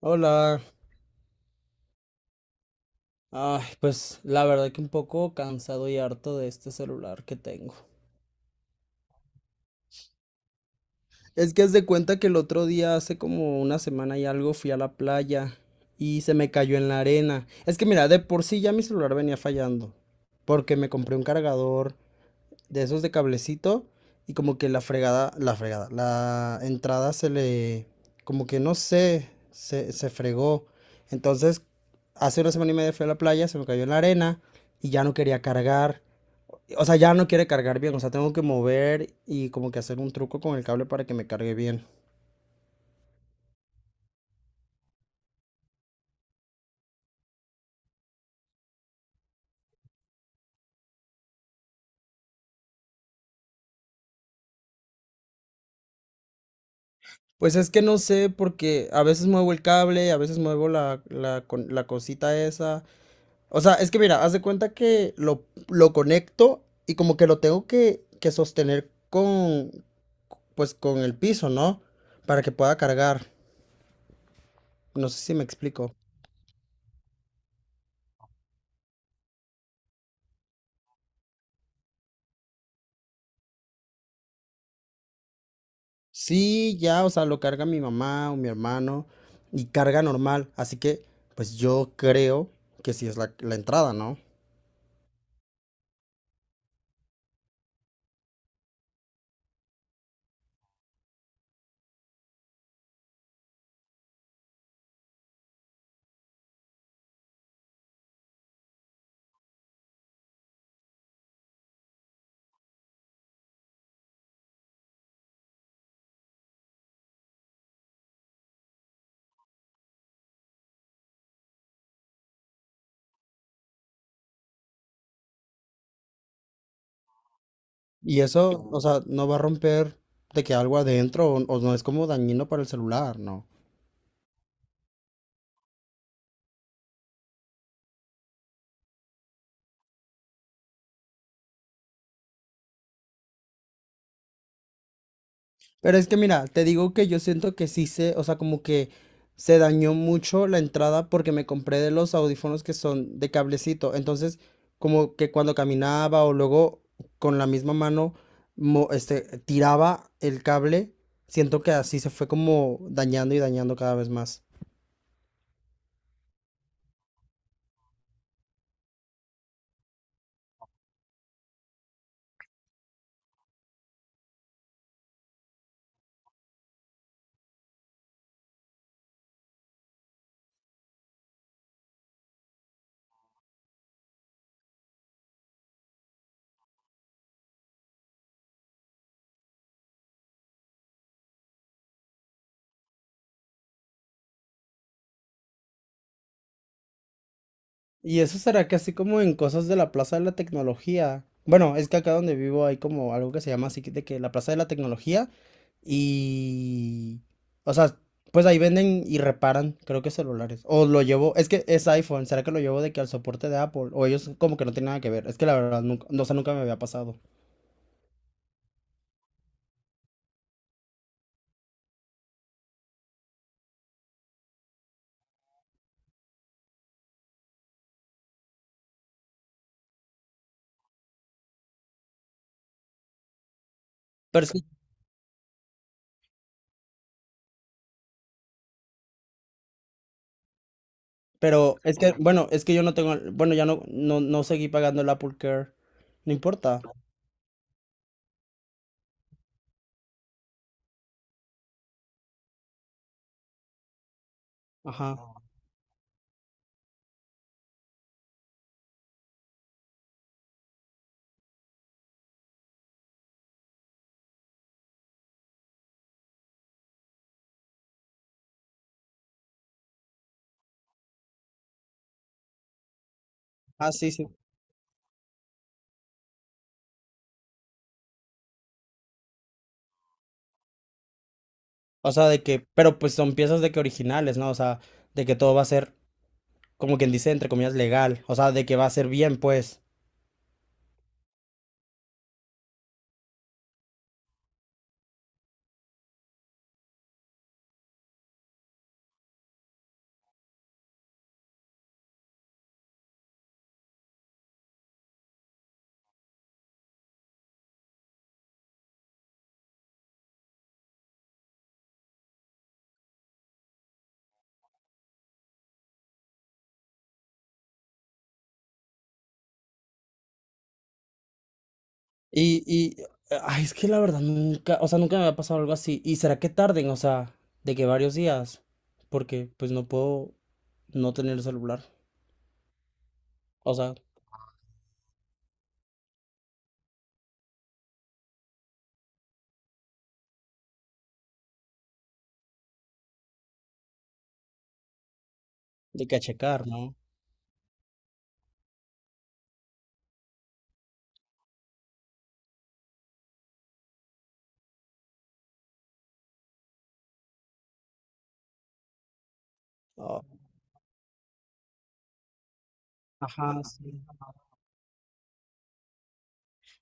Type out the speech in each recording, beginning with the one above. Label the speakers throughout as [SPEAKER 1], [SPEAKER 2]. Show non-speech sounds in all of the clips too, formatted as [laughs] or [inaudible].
[SPEAKER 1] Hola. Ay, pues la verdad que un poco cansado y harto de este celular que tengo. Es que haz de cuenta que el otro día, hace como una semana y algo, fui a la playa y se me cayó en la arena. Es que mira, de por sí ya mi celular venía fallando porque me compré un cargador de esos de cablecito y como que la fregada, la entrada se le, como que no sé, se fregó. Entonces, hace una semana y media fui a la playa, se me cayó en la arena y ya no quería cargar. O sea, ya no quiere cargar bien, o sea, tengo que mover y como que hacer un truco con el cable para que me cargue bien. Pues es que no sé, porque a veces muevo el cable, a veces muevo la cosita esa. O sea, es que mira, haz de cuenta que lo conecto y como que lo tengo que sostener con, pues con el piso, ¿no? Para que pueda cargar. No sé si me explico. Sí, ya, o sea, lo carga mi mamá o mi hermano y carga normal. Así que, pues yo creo que sí es la entrada, ¿no? Y eso, o sea, no va a romper de que algo adentro o no es como dañino para el celular, ¿no? Pero es que mira, te digo que yo siento que sí se, o sea, como que se dañó mucho la entrada porque me compré de los audífonos que son de cablecito. Entonces, como que cuando caminaba o luego con la misma mano tiraba el cable, siento que así se fue como dañando y dañando cada vez más. Y eso será que así como en cosas de la Plaza de la Tecnología. Bueno, es que acá donde vivo hay como algo que se llama así de que la Plaza de la Tecnología. Y... O sea, pues ahí venden y reparan, creo que celulares. O lo llevo, es que es iPhone, ¿será que lo llevo de que al soporte de Apple? O ellos como que no tienen nada que ver. Es que la verdad, nunca, no, o sea, nunca me había pasado. Pero es pero es que, bueno, es que yo no tengo, bueno, ya no, no seguí pagando el Apple Care. No importa. Ajá. Ah, sí, sí. O sea, de que, pero pues son piezas de que originales, ¿no? O sea, de que todo va a ser, como quien dice, entre comillas, legal. O sea, de que va a ser bien, pues. Y, y, ay, es que la verdad nunca, o sea, nunca me ha pasado algo así. ¿Y será que tarden? O sea, de que varios días, porque pues no puedo no tener el celular. O sea, de que a checar, ¿no? Oh, ajá, sí.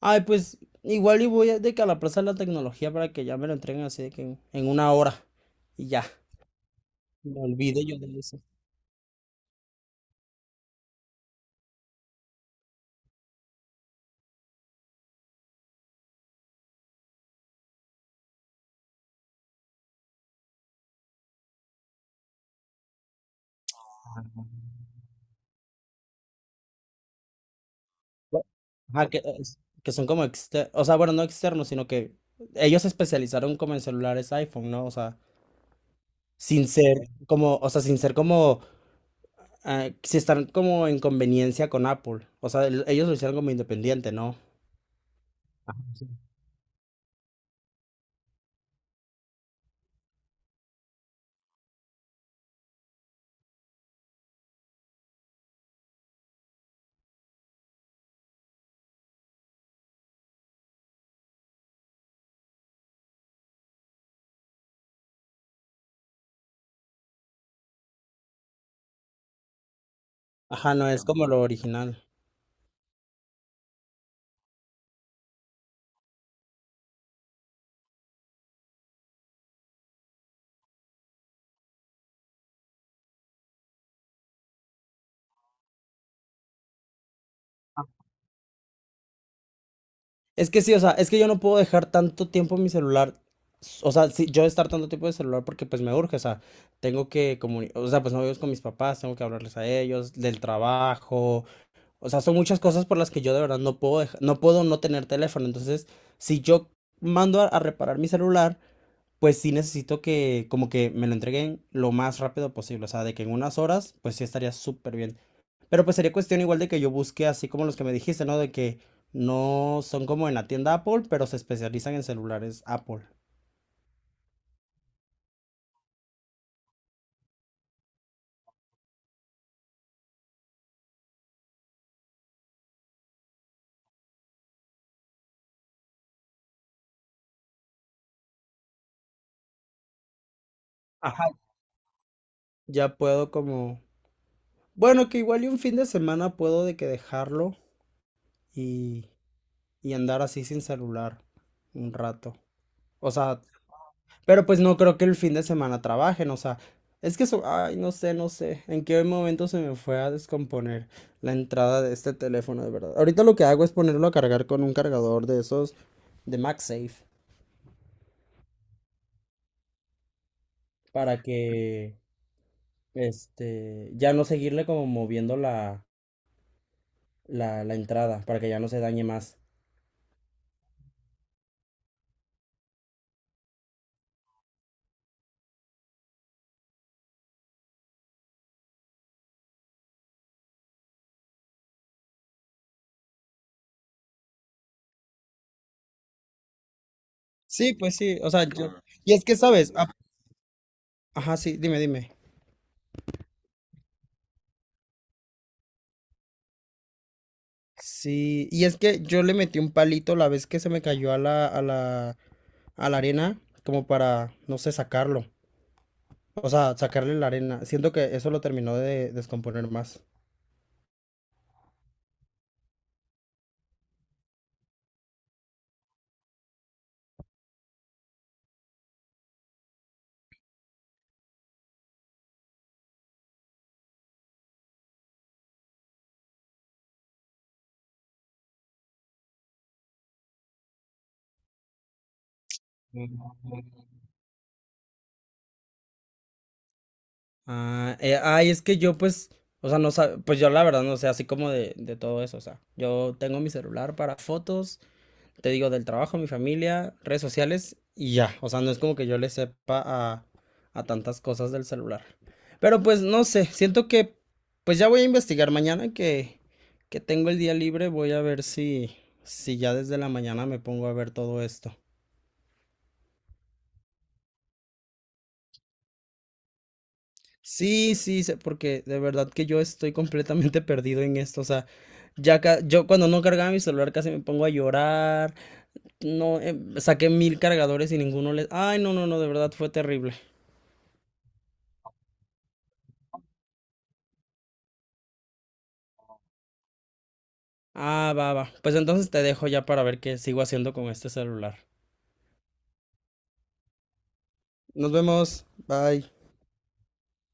[SPEAKER 1] Ay, pues igual y voy a- de que a la Plaza de la Tecnología para que ya me lo entreguen así de que en una hora y ya. Me olvido yo de eso. Bu- Ajá, que, es- que son como externos, o sea, bueno, no externos, sino que ellos se especializaron como en celulares iPhone, ¿no? O sea, sin ser como, o sea, sin ser como ah, si están como en conveniencia con Apple. O sea, el- ellos lo hicieron como independiente, ¿no? Sí. Ajá, no, es como lo original. Es que sí, o sea, es que yo no puedo dejar tanto tiempo en mi celular. S- O sea, sí, yo estar tanto tiempo en el celular porque pues me urge, o sea, tengo que comunicar, o sea, pues no vivo con mis papás, tengo que hablarles a ellos, del trabajo, o sea, son muchas cosas por las que yo de verdad no puedo deja- no puedo no tener teléfono. Entonces, si yo mando a reparar mi celular, pues sí necesito que como que me lo entreguen lo más rápido posible, o sea, de que en unas horas, pues sí estaría súper bien. Pero pues sería cuestión igual de que yo busque así como los que me dijiste, ¿no? De que no son como en la tienda Apple, pero se especializan en celulares Apple. Ajá. Ya puedo como... Bueno, que igual y un fin de semana puedo de que dejarlo y, y andar así sin celular un rato. O sea, pero pues no creo que el fin de semana trabajen, o sea, es que eso, ay, no sé, en qué momento se me fue a descomponer la entrada de este teléfono, de verdad. Ahorita lo que hago es ponerlo a cargar con un cargador de esos de MagSafe para que, ya no seguirle como moviendo la entrada, para que ya no se dañe más. Sí, pues sí, o sea, yo... Y es que, ¿sabes? Ajá, sí, dime. Sí, y es que yo le metí un palito la vez que se me cayó a la arena, como para, no sé, sacarlo. O sea, sacarle la arena. Siento que eso lo terminó de descomponer más. Ay, es que yo pues, o sea, no sab- pues yo la verdad no sé así como de todo eso, o sea, yo tengo mi celular para fotos te digo, del trabajo, mi familia, redes sociales y ya. O sea, no es como que yo le sepa a tantas cosas del celular. Pero pues no sé, siento que pues ya voy a investigar mañana que tengo el día libre, voy a ver si ya desde la mañana me pongo a ver todo esto. Porque de verdad que yo estoy completamente [laughs] perdido en esto, o sea, ya ca- yo cuando no cargaba mi celular casi me pongo a llorar, no, saqué mil cargadores y ninguno les... Ay, no, no, no, de verdad fue terrible. Ah, va, va. Pues entonces te dejo ya para ver qué sigo haciendo con este celular. Nos vemos. Bye.